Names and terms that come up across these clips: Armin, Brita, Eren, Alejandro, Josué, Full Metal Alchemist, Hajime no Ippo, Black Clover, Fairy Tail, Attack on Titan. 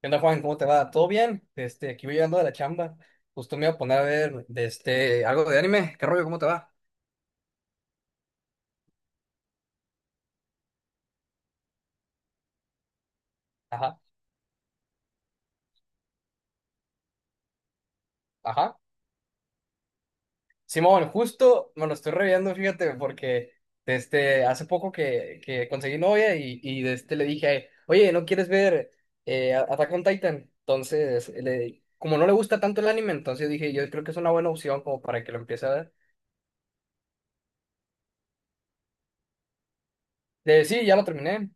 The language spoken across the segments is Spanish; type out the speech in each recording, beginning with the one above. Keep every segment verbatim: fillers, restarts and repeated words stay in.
¿Qué onda, Juan? ¿Cómo te va? ¿Todo bien? Este, aquí voy llegando de la chamba. Justo me iba a poner a ver de este, algo de anime. ¿Qué rollo? ¿Cómo te va? Ajá, ajá. Simón, justo me lo estoy reviendo, fíjate, porque de este, hace poco que, que conseguí novia y, y de este, le dije, oye, ¿no quieres ver eh, Attack on Titan? Entonces, le- como no le gusta tanto el anime, entonces dije, yo creo que es una buena opción como para que lo empiece a ver. De, sí, ya lo terminé.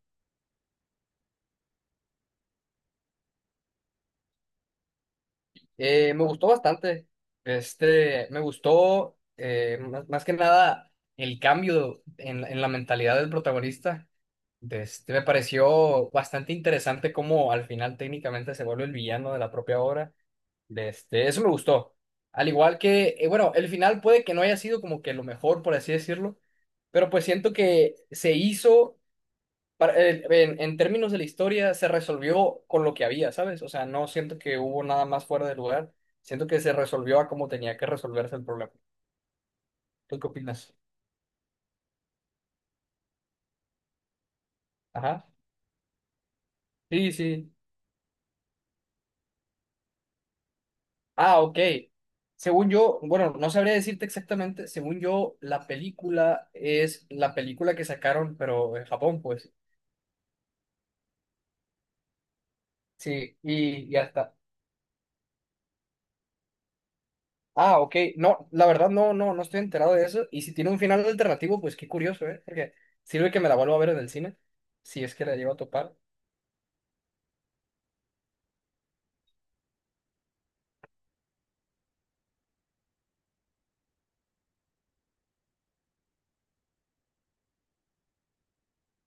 Eh, me gustó bastante. Este, me gustó eh, más, más que nada el cambio en, la- en la mentalidad del protagonista. De este, me pareció bastante interesante cómo al final técnicamente se vuelve el villano de la propia obra. De este, eso me gustó. Al igual que, eh, bueno, el final puede que no haya sido como que lo mejor, por así decirlo, pero pues siento que se hizo para- el- en, en términos de la historia, se resolvió con lo que había, ¿sabes? O sea, no siento que hubo nada más fuera de lugar. Siento que se resolvió a como tenía que resolverse el problema. ¿Tú qué opinas? Ajá. Sí, sí. Ah, ok. Según yo, bueno, no sabría decirte exactamente. Según yo, la película es la película que sacaron, pero en Japón, pues. Sí, y, y ya está. Ah, ok. No, la verdad no, no, no estoy enterado de eso. Y si tiene un final alternativo, pues qué curioso, ¿eh? Porque sirve que me la vuelva a ver en el cine, si es que la llevo a topar.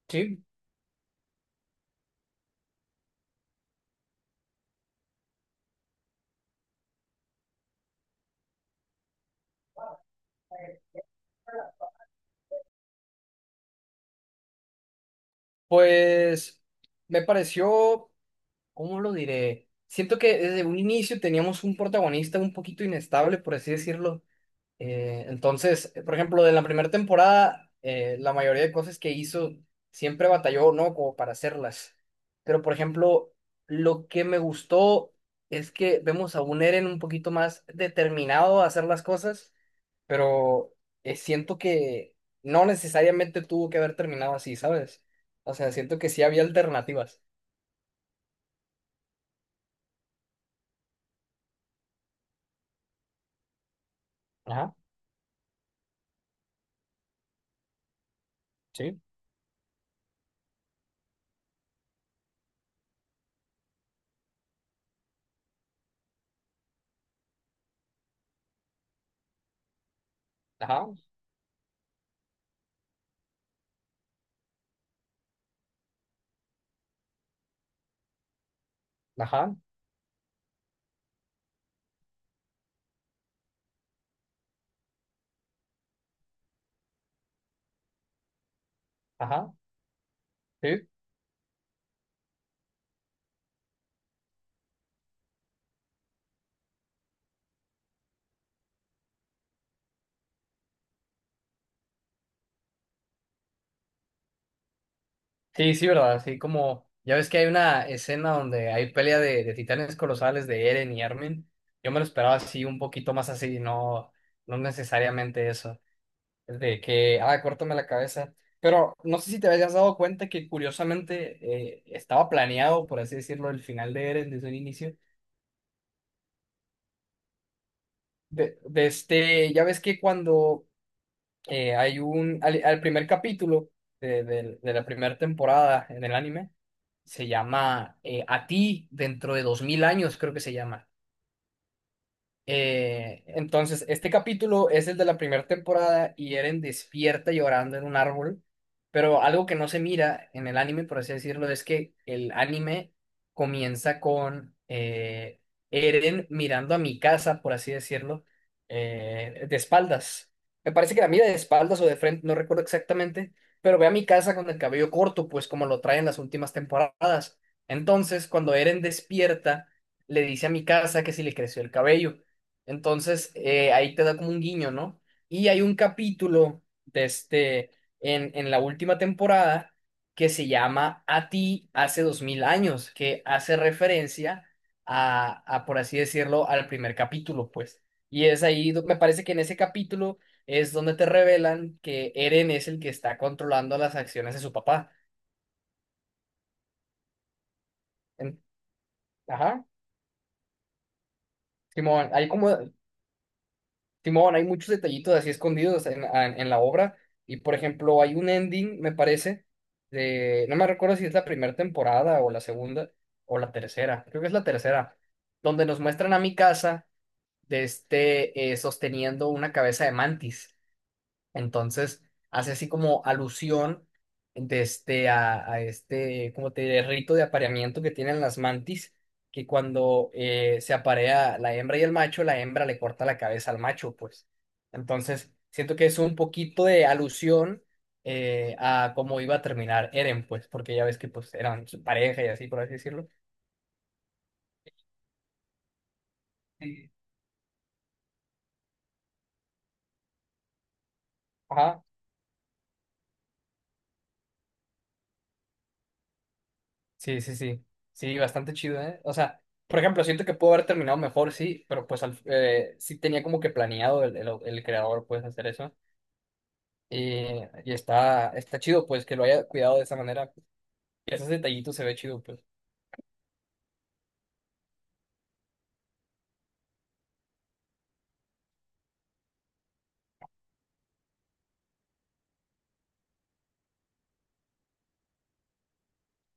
Sí, pues me pareció, ¿cómo lo diré? Siento que desde un inicio teníamos un protagonista un poquito inestable, por así decirlo. Eh, entonces, eh, por ejemplo, de la primera temporada, eh, la mayoría de cosas que hizo siempre batalló, ¿no? Como para hacerlas. Pero, por ejemplo, lo que me gustó es que vemos a un Eren un poquito más determinado a hacer las cosas, pero eh, siento que no necesariamente tuvo que haber terminado así, ¿sabes? O sea, siento que sí había alternativas. Ajá, sí, ajá, ajá, ajá, sí. Sí, sí, verdad, así como, ya ves que hay una escena donde hay pelea de, de titanes colosales de Eren y Armin, yo me lo esperaba así un poquito más así, no, no necesariamente eso, es de que, ah, córtame la cabeza, pero no sé si te habías dado cuenta que curiosamente eh, estaba planeado, por así decirlo, el final de Eren desde un inicio, de, de este, ya ves que cuando eh, hay un, al, al primer capítulo de, de- de la primera temporada en el anime, se llama eh, A ti dentro de dos mil años, creo que se llama. Eh, entonces, este capítulo es el de la primera temporada y Eren despierta llorando en un árbol, pero algo que no se mira en el anime, por así decirlo, es que el anime comienza con eh, Eren mirando a mi casa, por así decirlo, eh, de espaldas. Me parece que la mira de espaldas o de frente, no recuerdo exactamente, pero ve a mi casa con el cabello corto, pues como lo trae en las últimas temporadas. Entonces, cuando Eren despierta, le dice a mi casa que si le creció el cabello. Entonces, eh, ahí te da como un guiño, ¿no? Y hay un capítulo de este, en, en la última temporada que se llama A ti hace dos mil años, que hace referencia a, a, por así decirlo, al primer capítulo, pues. Y es ahí, do- me parece que en ese capítulo es donde te revelan que Eren es el que está controlando las acciones de su papá. En- ajá, Simón, hay como, Simón, hay muchos detallitos así escondidos en, en- en la obra. Y por ejemplo, hay un ending, me parece, de. No me recuerdo si es la primera temporada o la segunda o la tercera. Creo que es la tercera. Donde nos muestran a mi casa de este, eh, sosteniendo una cabeza de mantis. Entonces, hace así como alusión de este, a, a este, como te diré, rito de apareamiento que tienen las mantis, que cuando eh, se aparea la hembra y el macho, la hembra le corta la cabeza al macho, pues. Entonces, siento que es un poquito de alusión eh, a cómo iba a terminar Eren, pues, porque ya ves que pues eran su pareja y así, por así decirlo. Sí. Ajá. Sí, sí, sí. Sí, bastante chido, ¿eh? O sea, por ejemplo, siento que pudo haber terminado mejor, sí, pero pues al- eh, sí tenía como que planeado el, el, el creador, pues, hacer eso. Y, y está, está chido, pues, que lo haya cuidado de esa manera. Y esos detallitos se ve chido, pues.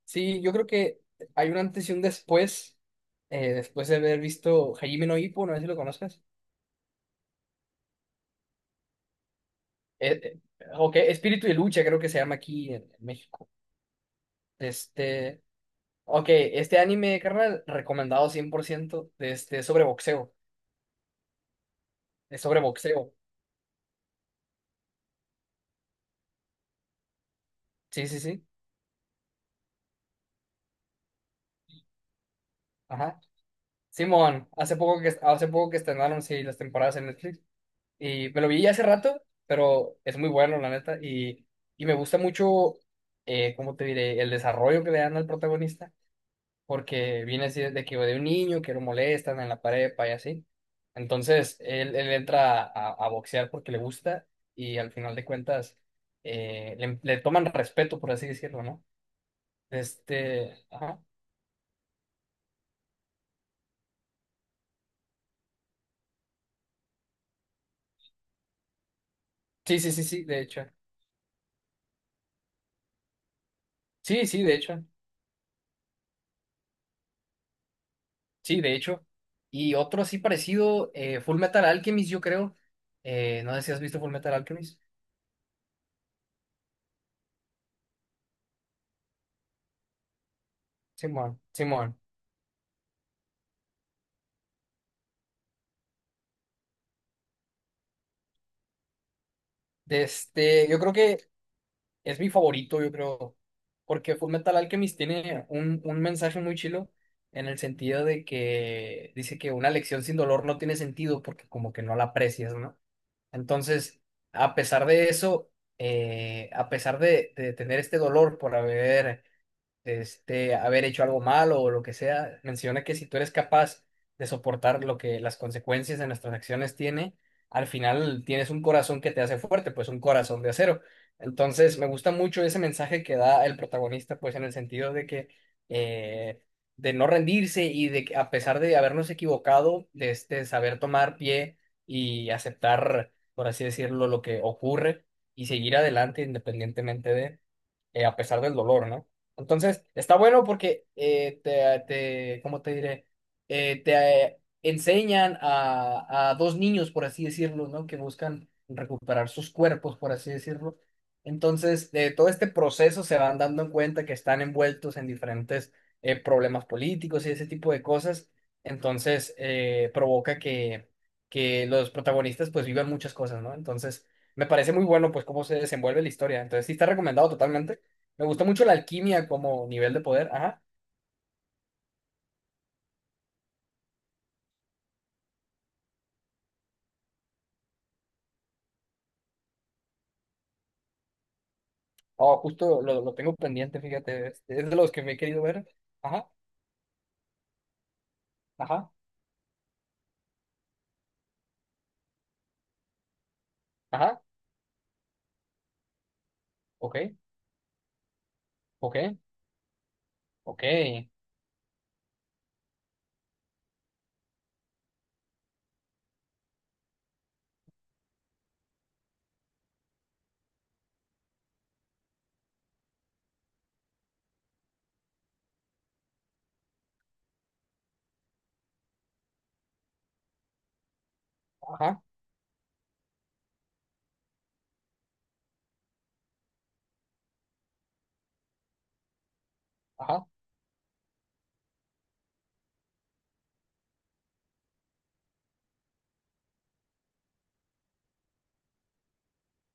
Sí, yo creo que hay un antes y un después, eh, después de haber visto Hajime no Ippo, no sé si lo conoces. Eh, eh, ok, Espíritu de Lucha creo que se llama aquí en en México. Este... Ok, este anime, carnal, recomendado cien por ciento de este, sobre boxeo. Es sobre boxeo. Sí, sí, sí. Ajá. Simón, hace poco que hace poco que estrenaron sí las temporadas en Netflix y me lo vi hace rato, pero es muy bueno la neta y, y me gusta mucho eh, ¿cómo te diré? El desarrollo que le dan al protagonista porque viene así de que de un niño que lo molestan en la prepa y así. Entonces, él, él entra a, a boxear porque le gusta y al final de cuentas eh, le, le toman respeto, por así decirlo, ¿no? Este, ajá. Sí, sí, sí, sí, de hecho. Sí, sí, de hecho. Sí, de hecho. Y otro así parecido, eh, Full Metal Alchemist, yo creo. Eh, no sé si has visto Full Metal Alchemist. Simón, Simón. De este, yo creo que es mi favorito, yo creo. Porque Full Metal Alchemist tiene un, un mensaje muy chilo en el sentido de que dice que una lección sin dolor no tiene sentido porque como que no la aprecias, ¿no? Entonces, a pesar de eso, eh, a pesar de, de tener este dolor por haber este, haber hecho algo malo o lo que sea, menciona que si tú eres capaz de soportar lo que las consecuencias de nuestras acciones tiene, al final tienes un corazón que te hace fuerte, pues un corazón de acero. Entonces, me gusta mucho ese mensaje que da el protagonista, pues en el sentido de que eh, de no rendirse y de que a pesar de habernos equivocado, de este saber tomar pie y aceptar, por así decirlo, lo que ocurre y seguir adelante independientemente de, eh, a pesar del dolor, ¿no? Entonces, está bueno porque eh, te, te, ¿cómo te diré? Eh, te eh, enseñan a, a dos niños, por así decirlo, ¿no? Que buscan recuperar sus cuerpos, por así decirlo. Entonces, de todo este proceso se van dando en cuenta que están envueltos en diferentes eh, problemas políticos y ese tipo de cosas. Entonces, eh, provoca que, que los protagonistas pues vivan muchas cosas, ¿no? Entonces, me parece muy bueno pues cómo se desenvuelve la historia. Entonces, sí está recomendado totalmente. Me gusta mucho la alquimia como nivel de poder. Ajá. Oh, justo lo, lo tengo pendiente, fíjate. Es, es de los que me he querido ver. Ajá, ajá, ajá. Ok, ok, ok. Ajá, ajá,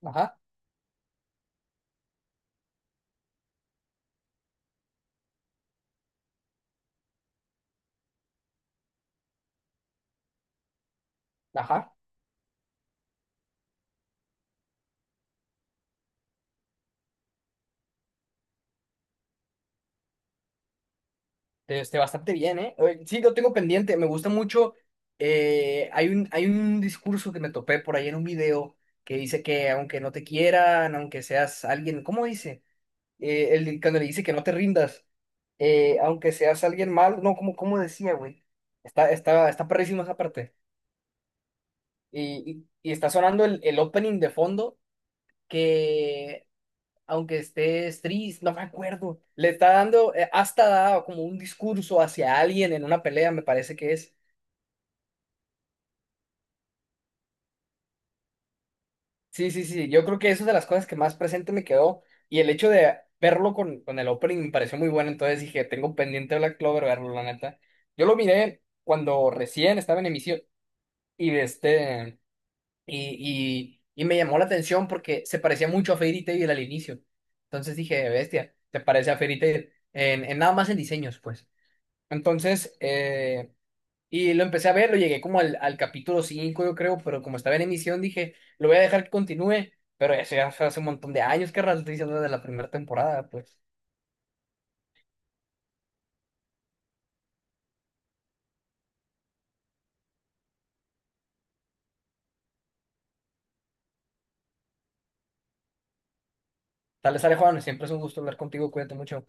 ajá, ajá. Este, bastante bien, ¿eh? Oye, sí, lo tengo pendiente. Me gusta mucho. eh, hay un, hay un discurso que me topé por ahí en un video que dice que aunque no te quieran, aunque seas alguien, ¿cómo dice? eh, el, cuando le dice que no te rindas, eh, aunque seas alguien mal, no, como, como decía, güey. Está, está, está perrísima esa parte. Y, y, y está sonando el, el opening de fondo que, aunque estés triste, no me acuerdo, le está dando, eh, hasta da como un discurso hacia alguien en una pelea, me parece que es. Sí, sí, sí, yo creo que eso es de las cosas que más presente me quedó y el hecho de verlo con, con el opening me pareció muy bueno, entonces dije, tengo pendiente Black Clover verlo, la neta. Yo lo miré cuando recién estaba en emisión y de este y, y, y me llamó la atención porque se parecía mucho a Fairy Tail al inicio. Entonces dije, bestia, te parece a Fairy Tail en, en nada más en diseños, pues. Entonces, eh, y lo empecé a ver, lo llegué como al, al capítulo cinco yo creo, pero como estaba en emisión, dije, lo voy a dejar que continúe, pero eso ya fue hace un montón de años, que estoy diciendo de la primera temporada, pues. Tal vez, Alejandro, siempre es un gusto hablar contigo, cuídate mucho.